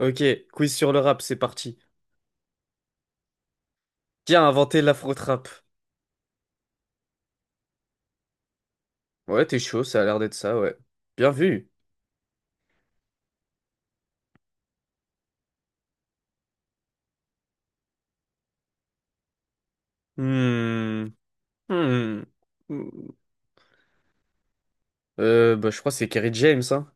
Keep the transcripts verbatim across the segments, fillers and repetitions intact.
Ok, quiz sur le rap, c'est parti. Qui a inventé l'afro-trap? Ouais, t'es chaud, ça a l'air d'être ça, ouais. Bien vu. Hmm. Hmm. Hmm. Euh, bah, je crois que c'est Kerry James, hein.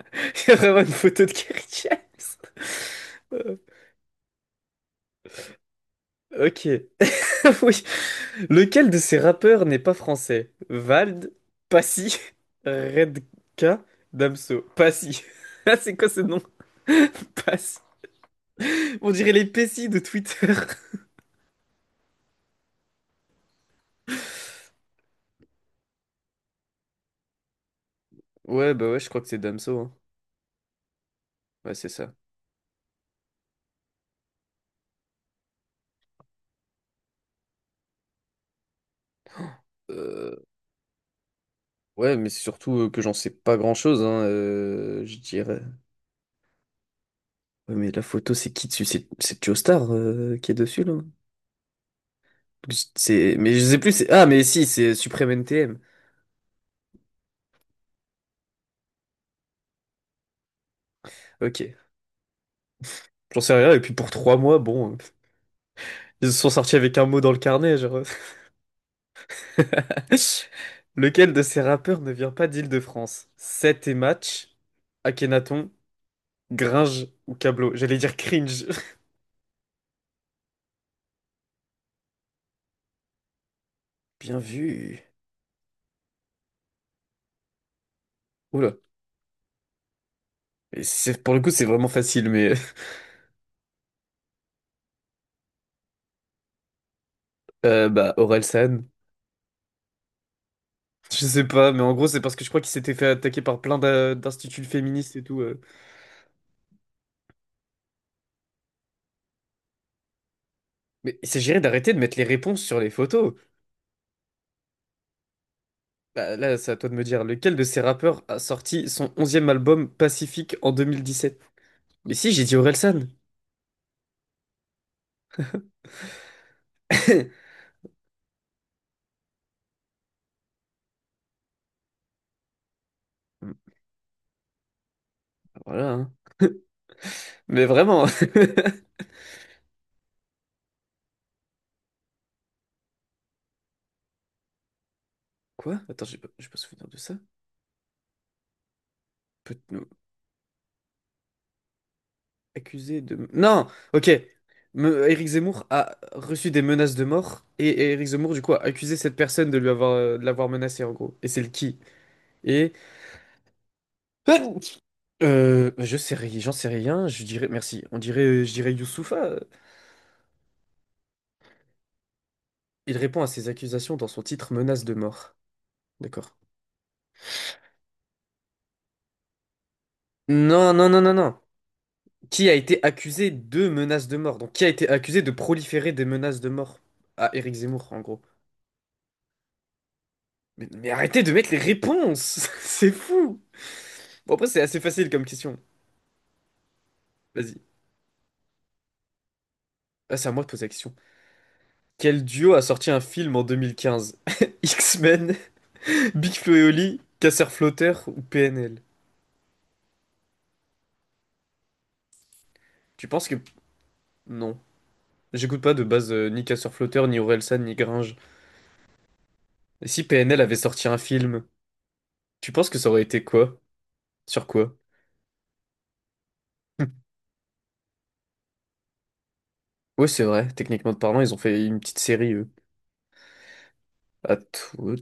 Il y a vraiment une photo de Kerry James. Euh, Ok. Oui. Lequel de ces rappeurs n'est pas français? Vald, Passy, Redka, Damso. Passy. Ah, c'est quoi ce nom? Passy. On dirait les Pessi de Twitter. Ouais, bah ouais, je crois que c'est Damso, hein. Ouais, c'est ça. Euh, Ouais, mais c'est surtout euh, que j'en sais pas grand-chose, hein, euh, je dirais. Ouais, mais la photo, c'est qui dessus? C'est c'est Joe Star, euh, qui est dessus, là? Je- C'est... Mais je sais plus. c'est... Ah, mais si, c'est Supreme N T M. Ok, j'en sais rien. Et puis pour trois mois, bon, euh, ils se sont sortis avec un mot dans le carnet, genre. Lequel de ces rappeurs ne vient pas d'Île-de-France? Seth et Match, Akhenaton, Gringe ou Cablo? J'allais dire cringe. Bien vu. Oula. Et c'est- pour le coup, c'est vraiment facile, mais. euh, bah, Orelsan. Je sais pas, mais en gros, c'est parce que je crois qu'il s'était fait attaquer par plein d'a- d'instituts féministes et tout. euh. Mais il s'agirait d'arrêter de mettre les réponses sur les photos. Bah, là, c'est à toi de me dire, lequel de ces rappeurs a sorti son onzième album Pacifique en deux mille dix-sept? Mais si, j'ai dit Orelsan. Voilà, hein. Mais vraiment. Quoi? Attends, j'ai pas, j'ai pas souvenir de ça. Peut-on accuser de... Non! Ok. Me- Éric Zemmour a reçu des menaces de mort et et Éric Zemmour, du coup, a accusé cette personne de lui avoir, euh, de l'avoir menacé, en gros. Et c'est le qui? Et euh, je sais rien, j'en sais rien. Je dirais merci. On dirait, euh, je dirais Youssoupha. euh, Il répond à ces accusations dans son titre menace de mort. D'accord. Non, non, non, non, non. Qui a été accusé de menaces de mort? Donc qui a été accusé de proliférer des menaces de mort à Éric Zemmour, en gros. Mais, mais arrêtez de mettre les réponses! C'est fou! Bon, après c'est assez facile comme question. Vas-y. Ah, c'est à moi de poser la question. Quel duo a sorti un film en deux mille quinze, X-Men, Big Flo et Oli, Casseur Flotteur ou P N L? Tu penses que... Non. J'écoute pas de base, euh, ni Casseur Flotteur, ni Orelsan, ni Gringe. Et si P N L avait sorti un film, tu penses que ça aurait été quoi? Sur quoi? Ouais, c'est vrai, techniquement parlant, ils ont fait une petite série, eux. À tout-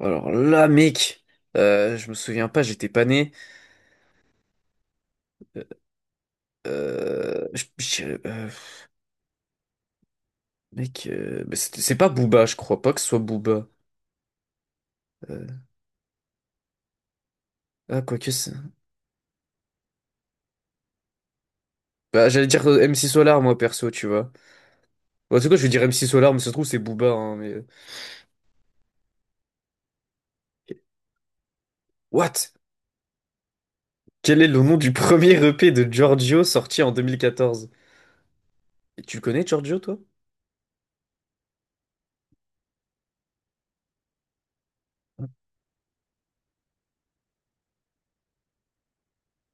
Alors là, mec, euh, je me souviens pas, j'étais pas né. Euh, euh, je- je- euh, mec, euh, mais c'est c'est pas Booba, je crois pas que ce soit Booba. Euh, ah, quoi que c'est. Bah, j'allais dire, euh, M C Solar, moi, perso, tu vois. Bon, en tout cas, je vais dire M C Solar, mais ça se trouve, c'est Booba, hein, mais... euh, What? Quel est le nom du premier E P de Giorgio sorti en deux mille quatorze? Et tu le connais Giorgio, toi?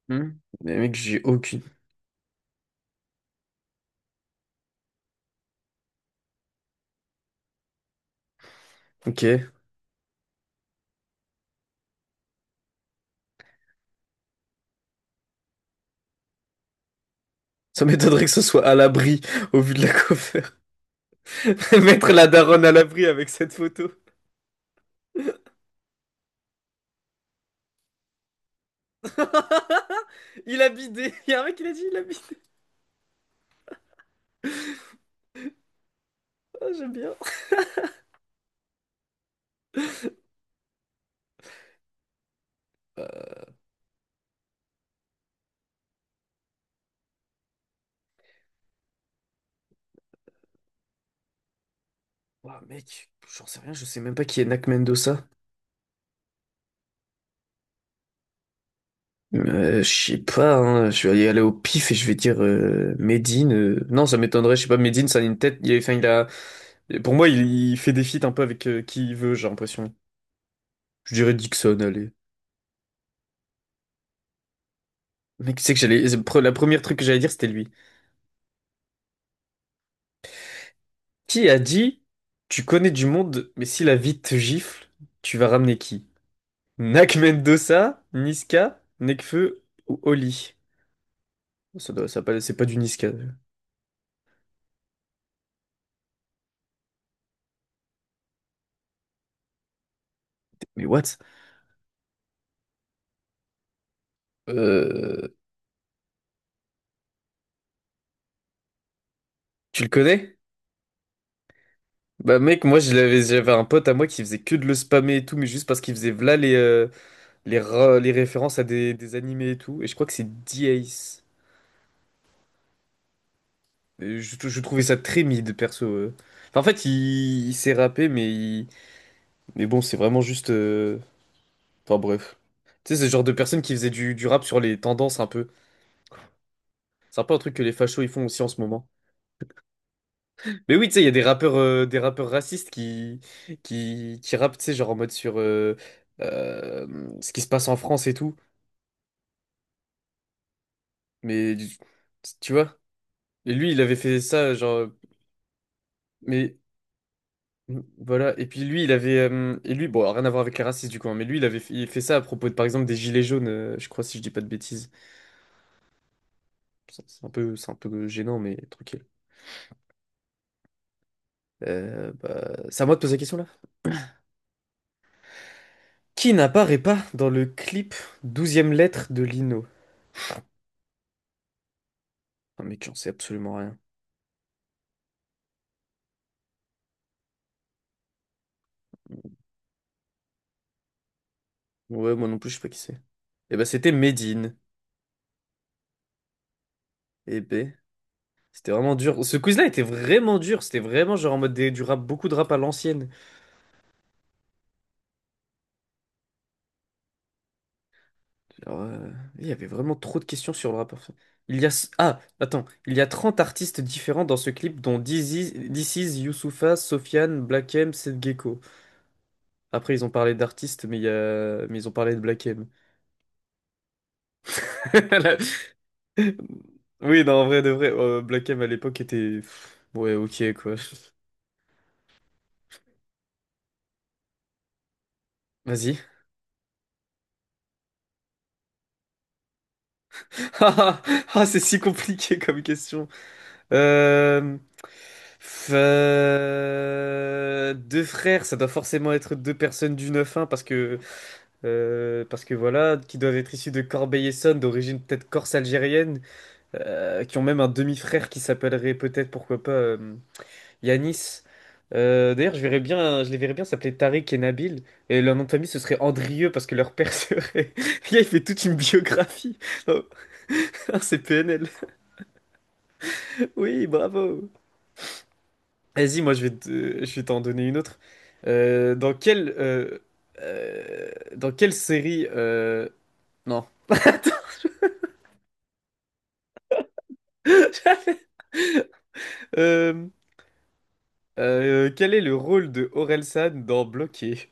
Hmm. Mais mec, j'ai aucune. Ok. Ça m'étonnerait que ce soit à l'abri au vu de la cover. Mettre la daronne à l'abri avec cette photo. Il a bidé. Il y a un mec qui l'a dit, il a bidé. Ah, j'aime bien. Euh, Oh, mec, j'en sais rien, je sais même pas qui est Nak Mendoza. Euh, je sais pas, hein, je vais y aller au pif et je vais dire, euh, Medine. euh, Non, ça m'étonnerait, je sais pas, Medine, ça a une tête. Il, est- enfin, il a. Et pour moi, il, il fait des feats un peu avec, euh, qui il veut, j'ai l'impression. Je dirais Dixon, allez. Mec, tu sais que j'allais. c'est pre- La première truc que j'allais dire, c'était lui. Qui a dit, tu connais du monde, mais si la vie te gifle, tu vas ramener qui? Nak Mendoza, Niska, Nekfeu ou Oli? Ça doit, ça pas, c'est pas du Niska. Mais what? Euh, Tu le connais? Bah mec, moi je l'avais, j'avais un pote à moi qui faisait que de le spammer et tout, mais juste parce qu'il faisait v'là les, euh, les, ra- les références à des, des animés et tout. Et je crois que c'est D-Ace. Euh, Je, je trouvais ça très mid, perso. euh. Enfin, en fait, il, il s'est rappé, mais, il- mais bon, c'est vraiment juste. euh, Enfin, bref. Tu sais, c'est le genre de personne qui faisait du, du rap sur les tendances un peu. C'est un peu un truc que les fachos ils font aussi en ce moment. Mais oui, tu sais, il y a des rappeurs, euh, des rappeurs racistes qui, qui, qui rappent, tu sais, genre en mode sur euh, euh, ce qui se passe en France et tout. Mais tu vois? Et lui, il avait fait ça, genre. Mais Mm, Voilà, et puis lui, il avait. Euh, et lui, bon, rien à voir avec les racistes du coup, hein, mais lui, il avait fait, il fait ça à propos de, par exemple, des gilets jaunes, euh, je crois, si je dis pas de bêtises. Ça, C'est un peu, c'est un peu gênant, mais tranquille. Euh, bah, c'est à moi de poser la question là. Qui n'apparaît pas dans le clip douzième lettre de Lino? Ah, mec, j'en sais absolument rien. Ouais, moi non plus, je sais pas qui c'est. Et bah, c'était Medine. Et B. C'était vraiment dur. Ce quiz-là était vraiment dur. C'était vraiment genre en mode des- du rap, beaucoup de rap à l'ancienne. Alors, euh, il y avait vraiment trop de questions sur le rappeur. Il y a... Ah, attends. Il y a trente artistes différents dans ce clip, dont Dizzy, This Is, Youssoupha, Sofiane, Black M, Seth Gecko. Après, ils ont parlé d'artistes, mais, il y a... mais ils ont parlé de Black M. Oui, non, en vrai, de vrai, euh, Black M à l'époque était... pff, ouais, ok, quoi. Vas-y. Ah, ah, ah, c'est si compliqué comme question. Euh... F- euh, Deux frères, ça doit forcément être deux personnes du neuf un, parce que Euh, parce que voilà, qui doivent être issus de Corbeil-Essonnes, d'origine peut-être corse algérienne, euh, qui ont même un demi-frère qui s'appellerait peut-être, pourquoi pas, euh, Yanis. Euh, d'ailleurs, je verrais bien, je les verrais bien s'appeler Tariq et Nabil, et leur nom de famille ce serait Andrieux parce que leur père serait. Le gars, il fait toute une biographie. Oh, c'est P N L. Oui, bravo. Vas-y, moi je vais te- je vais t'en donner une autre. Euh, dans quelle, euh, euh, dans quelle série, euh, non. Euh, Euh, quel est le rôle de Orelsan dans Bloqué?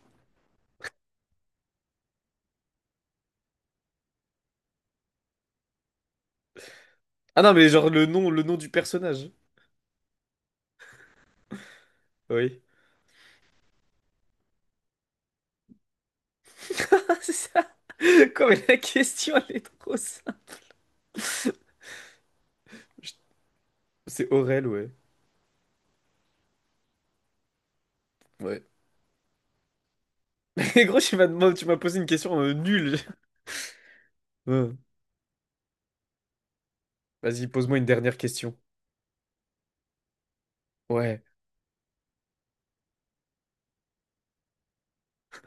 Ah non, mais genre le nom, le nom, du personnage. Oui. Ah, c'est ça. Quoi, mais la question, elle est trop simple. C'est Aurel, ouais. Ouais. Et gros, tu m'as demandé- tu m'as posé une question, euh, nulle. Ouais. Vas-y, pose-moi une dernière question. Ouais.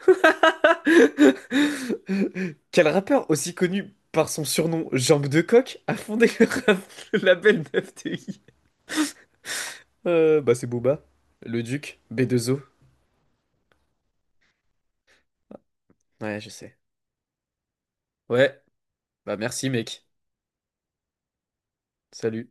Quel rappeur aussi connu par son surnom Jambe de coq a fondé le, rap- le label neuf T I? Euh, bah c'est Booba, le Duc, B deux O. Ouais, je sais. Ouais, bah merci mec. Salut.